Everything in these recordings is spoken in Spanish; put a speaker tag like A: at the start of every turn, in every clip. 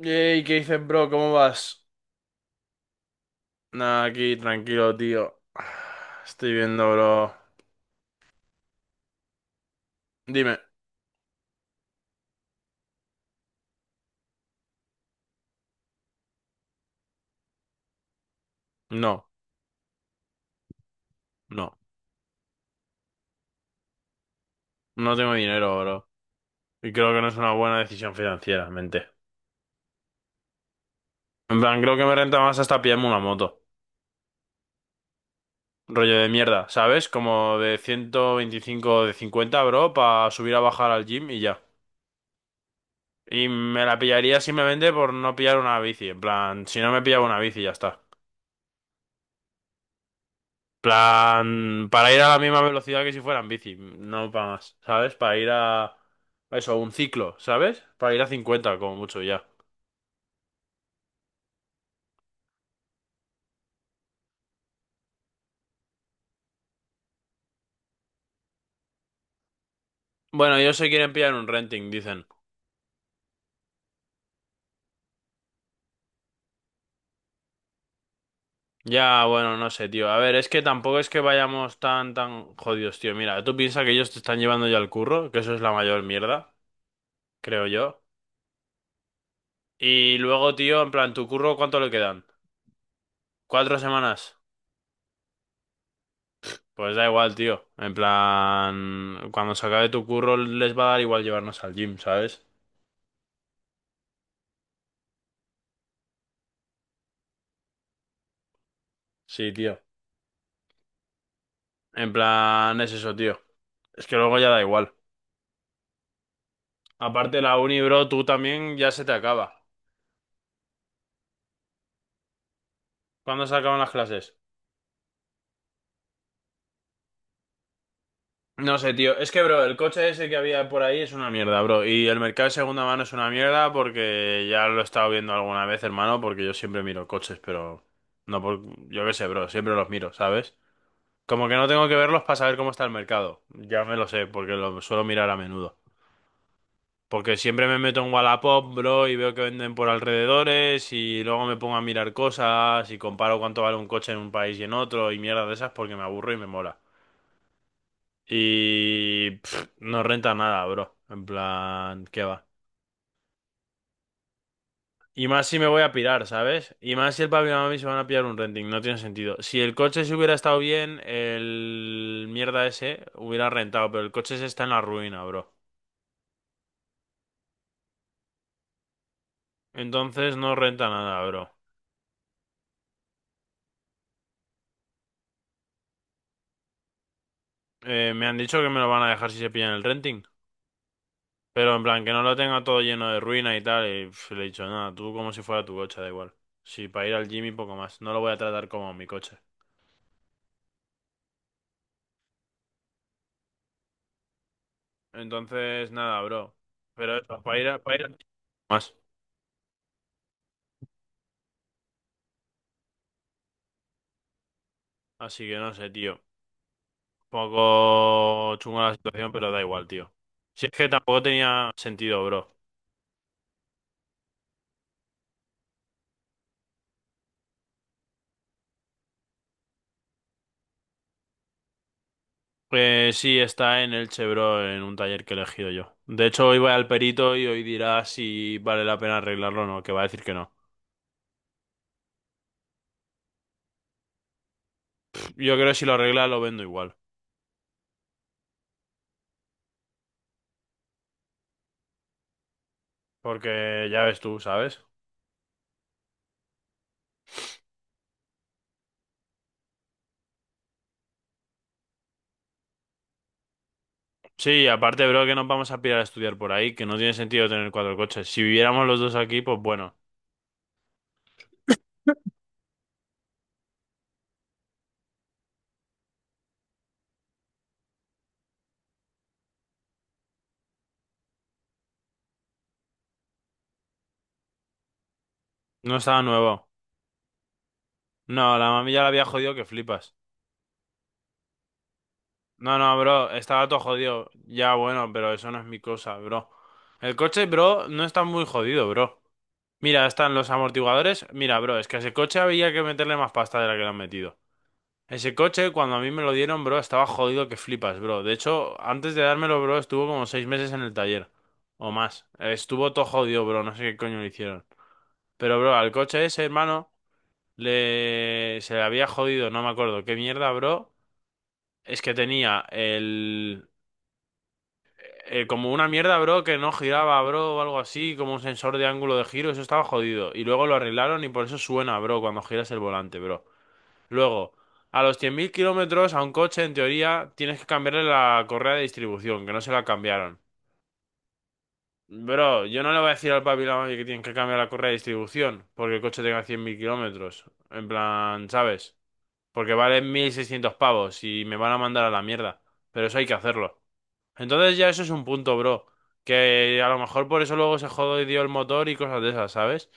A: Yey, ¿qué dices, bro? ¿Cómo vas? Nada, aquí, tranquilo, tío. Estoy viendo, bro. Dime. No, no. No tengo dinero, bro. Y creo que no es una buena decisión financieramente. En plan, creo que me renta más hasta pillarme una moto. Rollo de mierda, ¿sabes? Como de 125 o de 50, bro, para subir a bajar al gym y ya. Y me la pillaría simplemente por no pillar una bici. En plan, si no me pillaba una bici, ya está. Plan, para ir a la misma velocidad que si fuera en bici, no para más, ¿sabes? Para ir a eso, un ciclo, ¿sabes? Para ir a 50 como mucho ya. Bueno, ellos se quieren pillar un renting, dicen. Ya, bueno, no sé, tío. A ver, es que tampoco es que vayamos tan, tan jodidos, tío. Mira, tú piensas que ellos te están llevando ya al curro, que eso es la mayor mierda, creo yo. Y luego, tío, en plan, ¿tu curro cuánto le quedan? ¿4 semanas? Pues da igual, tío. En plan, cuando se acabe tu curro les va a dar igual llevarnos al gym, ¿sabes? Sí, tío. En plan, es eso, tío. Es que luego ya da igual. Aparte, la uni, bro, tú también ya se te acaba. ¿Cuándo se acaban las clases? No sé, tío. Es que, bro, el coche ese que había por ahí es una mierda, bro. Y el mercado de segunda mano es una mierda porque ya lo he estado viendo alguna vez, hermano, porque yo siempre miro coches, pero no por... Yo qué sé, bro, siempre los miro, ¿sabes? Como que no tengo que verlos para saber cómo está el mercado. Ya me lo sé, porque lo suelo mirar a menudo. Porque siempre me meto en Wallapop, bro, y veo que venden por alrededores y luego me pongo a mirar cosas y comparo cuánto vale un coche en un país y en otro y mierda de esas porque me aburro y me mola. Y no renta nada, bro. En plan, ¿qué va? Y más si me voy a pirar, ¿sabes? Y más si el papi y la mami se van a pillar un renting, no tiene sentido. Si el coche se hubiera estado bien, el mierda ese hubiera rentado, pero el coche se está en la ruina, bro. Entonces no renta nada, bro. Me han dicho que me lo van a dejar si se pillan el renting. Pero en plan, que no lo tenga todo lleno de ruinas y tal. Y le he dicho, nada, tú como si fuera tu coche, da igual. Si para ir al gym y poco más. No lo voy a tratar como mi coche. Entonces, nada, bro. Pero eso, para ir, para ir al gym, más. Así que no sé, tío. Poco chunga la situación, pero da igual, tío. Si es que tampoco tenía sentido, bro. Pues sí, está en Elche, bro, en un taller que he elegido yo. De hecho, hoy voy al perito y hoy dirá si vale la pena arreglarlo o no, que va a decir que no. Yo creo que si lo arregla, lo vendo igual. Porque ya ves tú, ¿sabes? Sí, aparte, bro, que nos vamos a pirar a estudiar por ahí, que no tiene sentido tener cuatro coches. Si viviéramos los dos aquí, pues bueno. No estaba nuevo. No, la mami ya la había jodido que flipas. No, no, bro, estaba todo jodido. Ya, bueno, pero eso no es mi cosa, bro. El coche, bro, no está muy jodido, bro. Mira, están los amortiguadores. Mira, bro, es que a ese coche había que meterle más pasta de la que le han metido. Ese coche, cuando a mí me lo dieron, bro, estaba jodido que flipas, bro. De hecho, antes de dármelo, bro, estuvo como 6 meses en el taller. O más. Estuvo todo jodido, bro. No sé qué coño le hicieron. Pero, bro, al coche ese, hermano, le... se le había jodido, no me acuerdo. ¿Qué mierda, bro? Es que tenía el... como una mierda, bro, que no giraba, bro, o algo así, como un sensor de ángulo de giro. Eso estaba jodido. Y luego lo arreglaron y por eso suena, bro, cuando giras el volante, bro. Luego, a los 100.000 kilómetros a un coche, en teoría, tienes que cambiarle la correa de distribución, que no se la cambiaron. Bro, yo no le voy a decir al papi y la mami que tienen que cambiar la correa de distribución porque el coche tenga 100.000 kilómetros. En plan, ¿sabes? Porque vale 1.600 pavos y me van a mandar a la mierda. Pero eso hay que hacerlo. Entonces ya eso es un punto, bro. Que a lo mejor por eso luego se jodió el motor y cosas de esas, ¿sabes?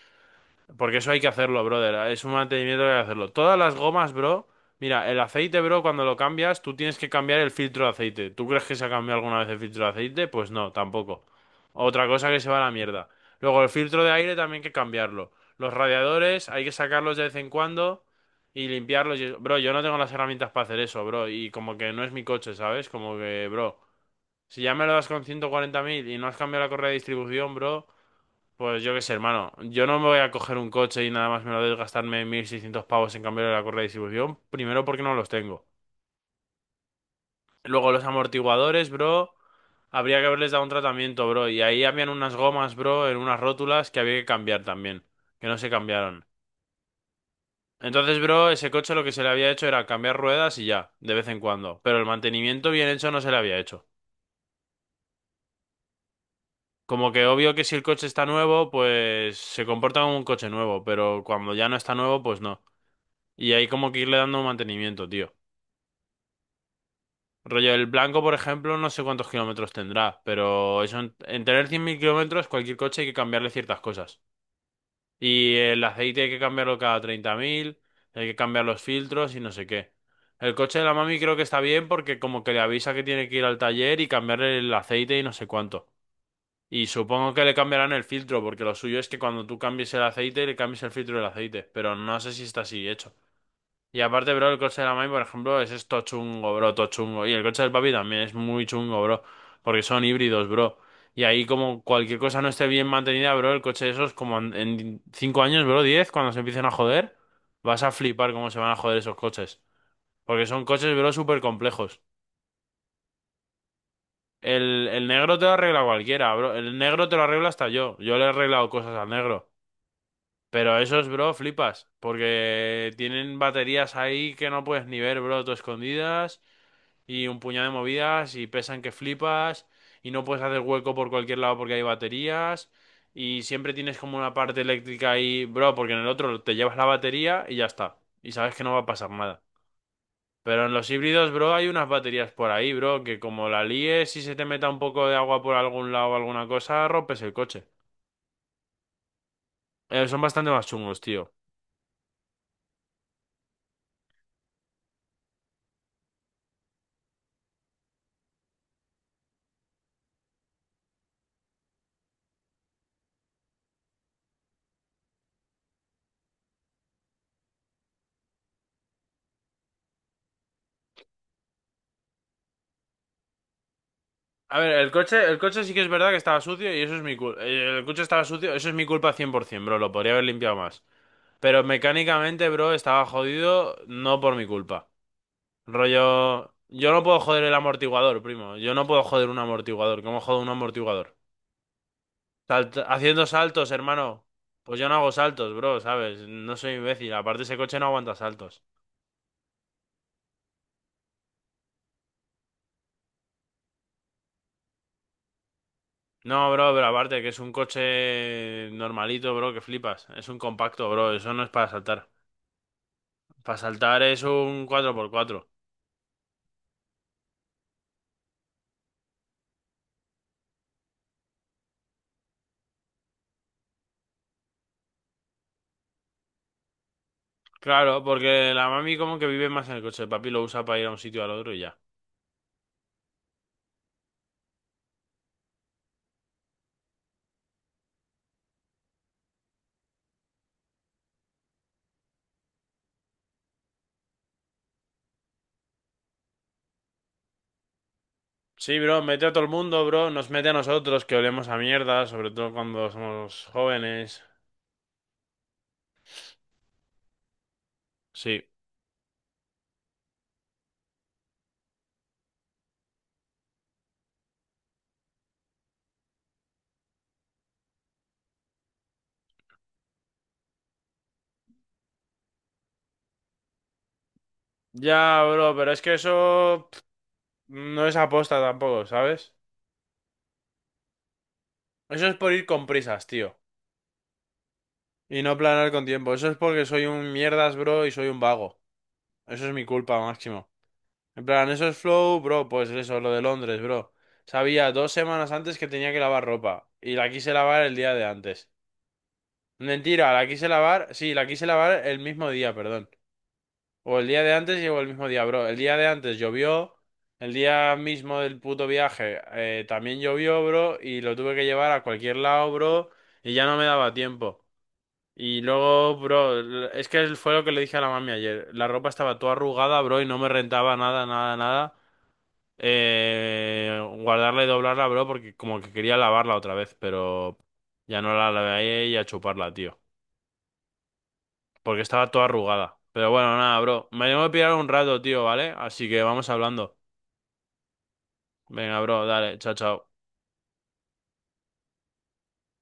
A: Porque eso hay que hacerlo, brother. Es un mantenimiento que hay que hacerlo. Todas las gomas, bro. Mira, el aceite, bro, cuando lo cambias, tú tienes que cambiar el filtro de aceite. ¿Tú crees que se ha cambiado alguna vez el filtro de aceite? Pues no, tampoco. Otra cosa que se va a la mierda. Luego, el filtro de aire también hay que cambiarlo. Los radiadores hay que sacarlos de vez en cuando y limpiarlos. Bro, yo no tengo las herramientas para hacer eso, bro. Y como que no es mi coche, ¿sabes? Como que, bro, si ya me lo das con 140.000 y no has cambiado la correa de distribución, bro. Pues yo qué sé, hermano. Yo no me voy a coger un coche y nada más me lo de gastarme 1.600 pavos en cambiar la correa de distribución. Primero porque no los tengo. Luego los amortiguadores, bro. Habría que haberles dado un tratamiento, bro. Y ahí habían unas gomas, bro, en unas rótulas que había que cambiar también. Que no se cambiaron. Entonces, bro, ese coche lo que se le había hecho era cambiar ruedas y ya, de vez en cuando. Pero el mantenimiento bien hecho no se le había hecho. Como que obvio que si el coche está nuevo, pues se comporta como un coche nuevo. Pero cuando ya no está nuevo, pues no. Y hay como que irle dando mantenimiento, tío. Rollo, el blanco, por ejemplo, no sé cuántos kilómetros tendrá, pero eso en tener 100.000 kilómetros, cualquier coche hay que cambiarle ciertas cosas. Y el aceite hay que cambiarlo cada 30.000, hay que cambiar los filtros y no sé qué. El coche de la mami creo que está bien porque como que le avisa que tiene que ir al taller y cambiarle el aceite y no sé cuánto. Y supongo que le cambiarán el filtro, porque lo suyo es que cuando tú cambies el aceite, le cambies el filtro del aceite, pero no sé si está así hecho. Y aparte, bro, el coche de la Mai, por ejemplo, es esto chungo, bro, todo chungo. Y el coche del papi también es muy chungo, bro. Porque son híbridos, bro. Y ahí como cualquier cosa no esté bien mantenida, bro, el coche de esos como en 5 años, bro, 10 cuando se empiecen a joder, vas a flipar cómo se van a joder esos coches. Porque son coches, bro, súper complejos. El negro te lo arregla cualquiera, bro. El negro te lo arregla hasta yo. Yo le he arreglado cosas al negro. Pero esos, bro, flipas. Porque tienen baterías ahí que no puedes ni ver, bro, todo escondidas. Y un puñado de movidas y pesan que flipas y no puedes hacer hueco por cualquier lado porque hay baterías y siempre tienes como una parte eléctrica ahí, bro, porque en el otro te llevas la batería y ya está y sabes que no va a pasar nada. Pero en los híbridos, bro, hay unas baterías por ahí, bro, que como la líes y se te meta un poco de agua por algún lado o alguna cosa, rompes el coche. Son bastante más chungos, tío. A ver, el coche sí que es verdad que estaba sucio y eso es mi culpa. El coche estaba sucio, eso es mi culpa 100%, bro. Lo podría haber limpiado más. Pero mecánicamente, bro, estaba jodido no por mi culpa. Rollo, yo no puedo joder el amortiguador, primo. Yo no puedo joder un amortiguador. ¿Cómo jodo un amortiguador? Haciendo saltos, hermano. Pues yo no hago saltos, bro, ¿sabes? No soy imbécil. Aparte, ese coche no aguanta saltos. No, bro, pero aparte que es un coche normalito, bro, que flipas. Es un compacto, bro. Eso no es para saltar. Para saltar es un 4x4. Claro, porque la mami como que vive más en el coche. El papi lo usa para ir a un sitio al otro y ya. Sí, bro, mete a todo el mundo, bro. Nos mete a nosotros que olemos a mierda, sobre todo cuando somos jóvenes. Sí. Ya, bro, pero es que eso no es aposta tampoco, ¿sabes? Eso es por ir con prisas, tío. Y no planear con tiempo. Eso es porque soy un mierdas, bro, y soy un vago. Eso es mi culpa, máximo. En plan, eso es flow, bro, pues eso, lo de Londres, bro. Sabía 2 semanas antes que tenía que lavar ropa. Y la quise lavar el día de antes. Mentira, la quise lavar, sí, la quise lavar el mismo día, perdón. O el día de antes llegó el mismo día, bro. El día de antes llovió. El día mismo del puto viaje también llovió, bro. Y lo tuve que llevar a cualquier lado, bro. Y ya no me daba tiempo. Y luego, bro, es que fue lo que le dije a la mami ayer. La ropa estaba toda arrugada, bro, y no me rentaba nada, nada, nada. Guardarla y doblarla, bro, porque como que quería lavarla otra vez, pero ya no la lavé y a chuparla, tío, porque estaba toda arrugada. Pero bueno, nada, bro. Me tengo que pillar un rato, tío, ¿vale? Así que vamos hablando. Venga, bro, dale, chao, chao.